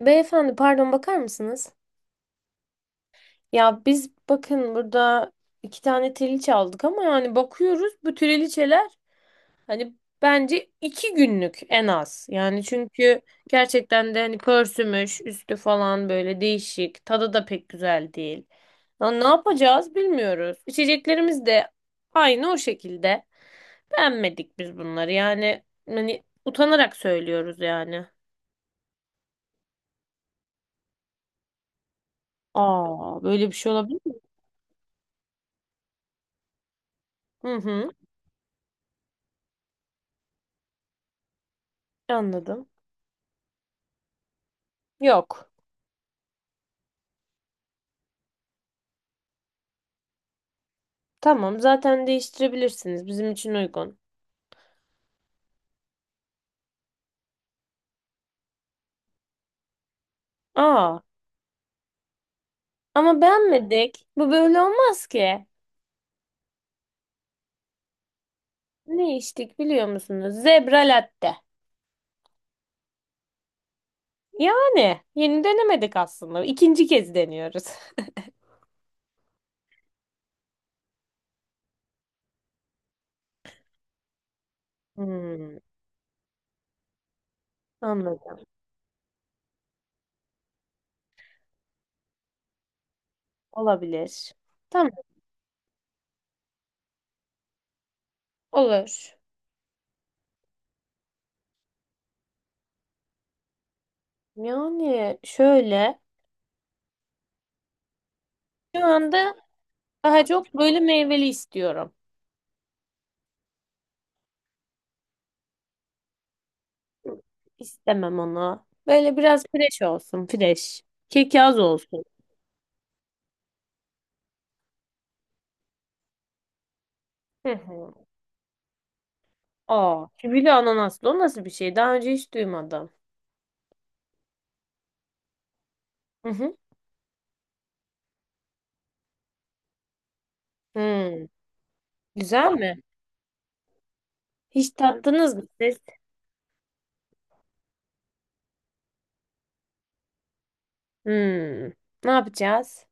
Beyefendi pardon bakar mısınız? Ya biz bakın burada iki tane triliçe aldık ama bakıyoruz bu triliçeler hani bence iki günlük en az. Yani çünkü gerçekten de pörsümüş üstü falan, böyle değişik, tadı da pek güzel değil. Ya ne yapacağız bilmiyoruz. İçeceklerimiz de aynı o şekilde. Beğenmedik biz bunları, utanarak söylüyoruz. Aa, böyle bir şey olabilir mi? Hı hı, anladım. Yok. Tamam, zaten değiştirebilirsiniz. Bizim için uygun. Aa, ama beğenmedik. Bu böyle olmaz ki. Ne içtik biliyor musunuz? Zebra latte. Yani yeni denemedik aslında. İkinci kez deniyoruz. Hmm, anladım. Olabilir. Tamam, olur. Yani şöyle, şu anda daha çok böyle meyveli istiyorum. İstemem onu. Böyle biraz fresh olsun, fresh. Kek az olsun. Hı hı. Aa, kivili ananaslı o nasıl bir şey? Daha önce hiç duymadım. Hı hı. Hmm. Güzel mi? Hiç tattınız mı siz? Hmm. Ne yapacağız?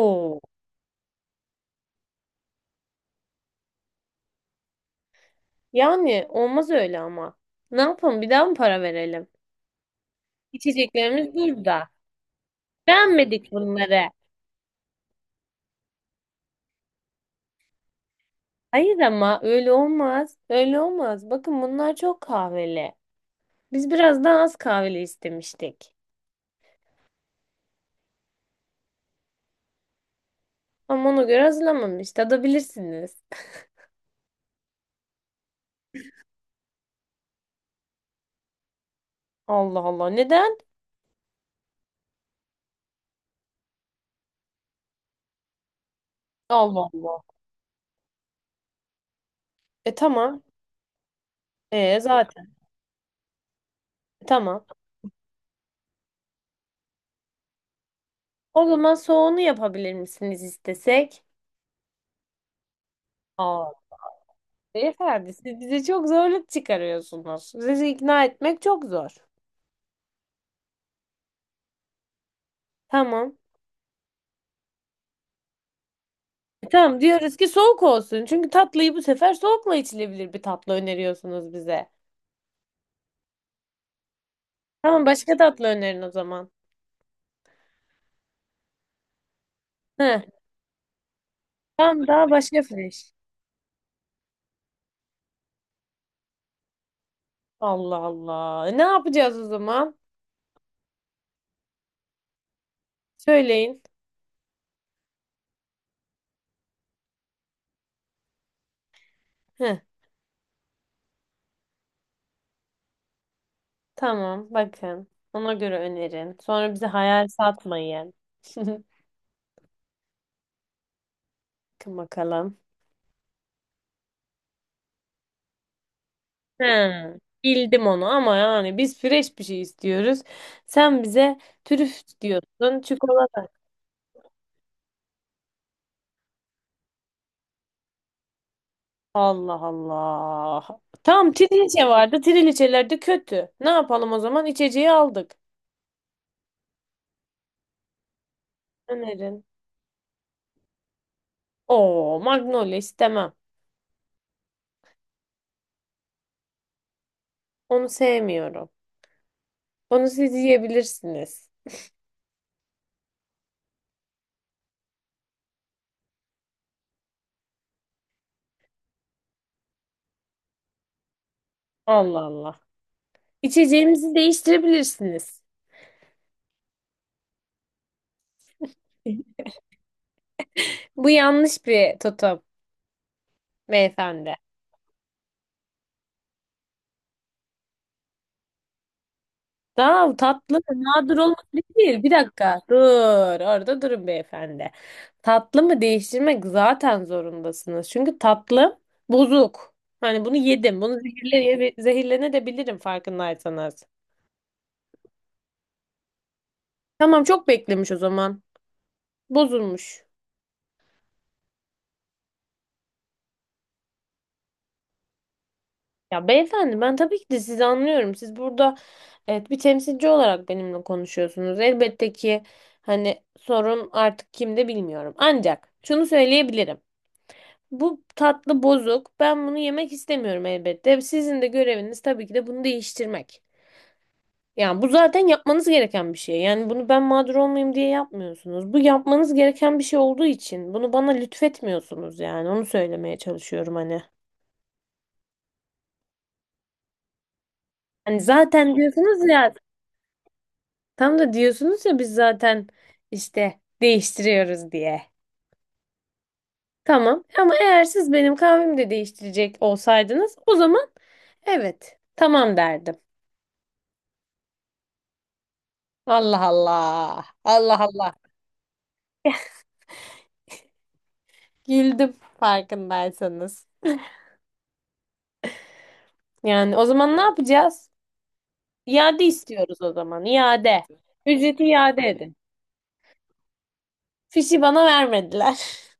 Oo. Yani olmaz öyle ama. Ne yapalım? Bir daha mı para verelim? İçeceklerimiz burada. Beğenmedik bunları. Hayır ama öyle olmaz. Öyle olmaz. Bakın bunlar çok kahveli. Biz biraz daha az kahveli istemiştik. Ama ona göre hazırlamamış. Tadabilirsiniz. Allah Allah. Neden? Allah Allah. E tamam. E zaten. Tamam. O zaman soğunu yapabilir misiniz istesek? Aa, beyefendi siz bize çok zorluk çıkarıyorsunuz. Sizi ikna etmek çok zor. Tamam. E, tamam diyoruz ki soğuk olsun. Çünkü tatlıyı bu sefer soğukla içilebilir bir tatlı öneriyorsunuz bize. Tamam, başka tatlı önerin o zaman. Heh, tamam, daha başka fresh. Allah Allah. E, ne yapacağız o zaman? Söyleyin. Heh, tamam, bakın. Ona göre önerin. Sonra bize hayal satmayın. Bakın bakalım. He, bildim onu ama yani biz fresh bir şey istiyoruz. Sen bize trüf diyorsun, çikolata. Allah Allah. Tamam, triliçe vardı. Triliçeler de kötü. Ne yapalım o zaman? İçeceği aldık. Önerin. Oo, Magnolia istemem. Onu sevmiyorum. Onu siz yiyebilirsiniz. Allah Allah. İçeceğimizi değiştirebilirsiniz. Bu yanlış bir tutum, beyefendi. Tamam, tatlı nadir olmak değil. Bir dakika dur, orada durun beyefendi. Tatlı mı değiştirmek zaten zorundasınız. Çünkü tatlı bozuk. Hani bunu yedim. Bunu zehirlenebilirim farkındaysanız. Tamam, çok beklemiş o zaman. Bozulmuş. Ya beyefendi, ben tabii ki de sizi anlıyorum. Siz burada, evet, bir temsilci olarak benimle konuşuyorsunuz. Elbette ki hani sorun artık kimde bilmiyorum. Ancak şunu söyleyebilirim. Bu tatlı bozuk. Ben bunu yemek istemiyorum elbette. Sizin de göreviniz tabii ki de bunu değiştirmek. Yani bu zaten yapmanız gereken bir şey. Yani bunu ben mağdur olmayayım diye yapmıyorsunuz. Bu yapmanız gereken bir şey olduğu için bunu bana lütfetmiyorsunuz yani. Onu söylemeye çalışıyorum hani. Hani zaten diyorsunuz ya, tam da diyorsunuz ya, biz zaten işte değiştiriyoruz diye. Tamam ama eğer siz benim kahvemi de değiştirecek olsaydınız, o zaman evet, tamam derdim. Allah Allah. Allah Allah. Güldüm farkındaysanız. Yani o zaman ne yapacağız? İade istiyoruz o zaman. İade. Ücreti iade edin. Fişi bana vermediler.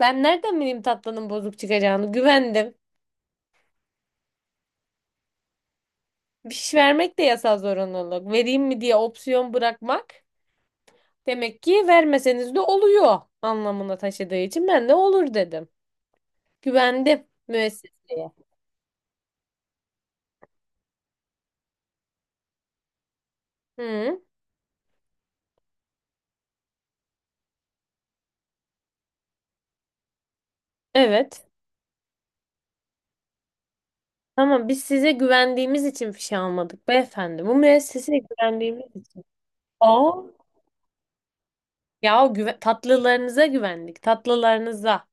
Ben nereden bileyim tatlının bozuk çıkacağını? Güvendim. Fiş vermek de yasal zorunluluk. Vereyim mi diye opsiyon bırakmak demek ki vermeseniz de oluyor anlamına taşıdığı için ben de olur dedim. Güvendim müesseseye. Hı, evet. Ama biz size güvendiğimiz için fişe almadık beyefendi. Bu müesseseye güvendiğimiz için. Aa. Ya o tatlılarınıza güvendik. Tatlılarınıza.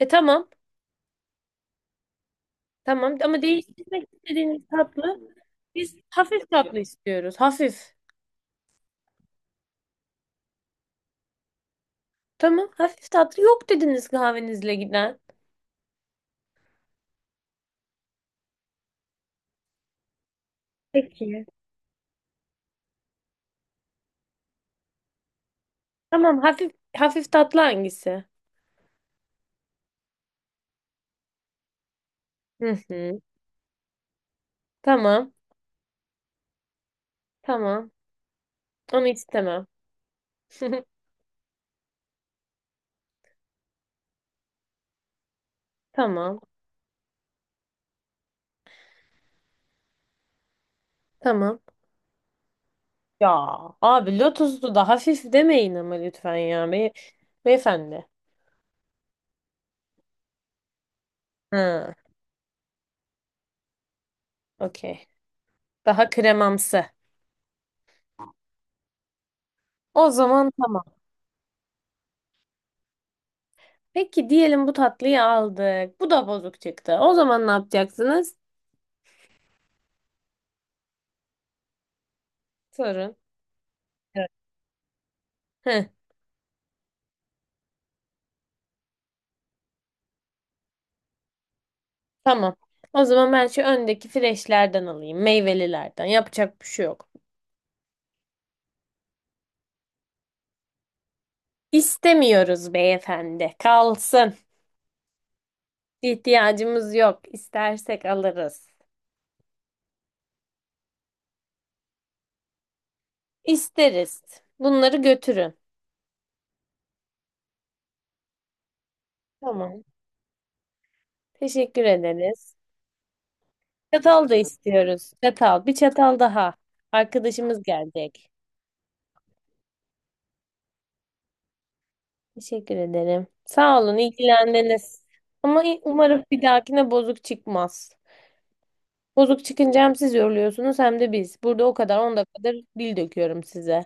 E tamam. Tamam ama değiştirmek istediğiniz tatlı. Biz hafif tatlı istiyoruz. Hafif. Tamam. Hafif tatlı yok dediniz kahvenizle giden. Peki. Tamam. Hafif hafif tatlı hangisi? Hı hı. Tamam. Tamam. Onu istemem. Tamam. Tamam. Ya abi, Lotus'u da hafif demeyin ama lütfen ya. Beyefendi. Ha, okey. Daha kremamsı. O zaman tamam. Peki diyelim bu tatlıyı aldık. Bu da bozuk çıktı. O zaman ne yapacaksınız? Sorun. Evet. Heh, tamam. O zaman ben şu öndeki freşlerden alayım. Meyvelilerden. Yapacak bir şey yok. İstemiyoruz beyefendi. Kalsın. İhtiyacımız yok. İstersek alırız. İsteriz. Bunları götürün. Tamam. Teşekkür ederiz. Çatal da istiyoruz. Çatal. Bir çatal daha. Arkadaşımız gelecek. Teşekkür ederim. Sağ olun, ilgilendiniz. Ama umarım bir dahakine bozuk çıkmaz. Bozuk çıkınca hem siz yoruluyorsunuz hem de biz. Burada o kadar 10 dakikadır dil döküyorum size.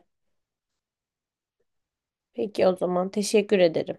Peki o zaman teşekkür ederim.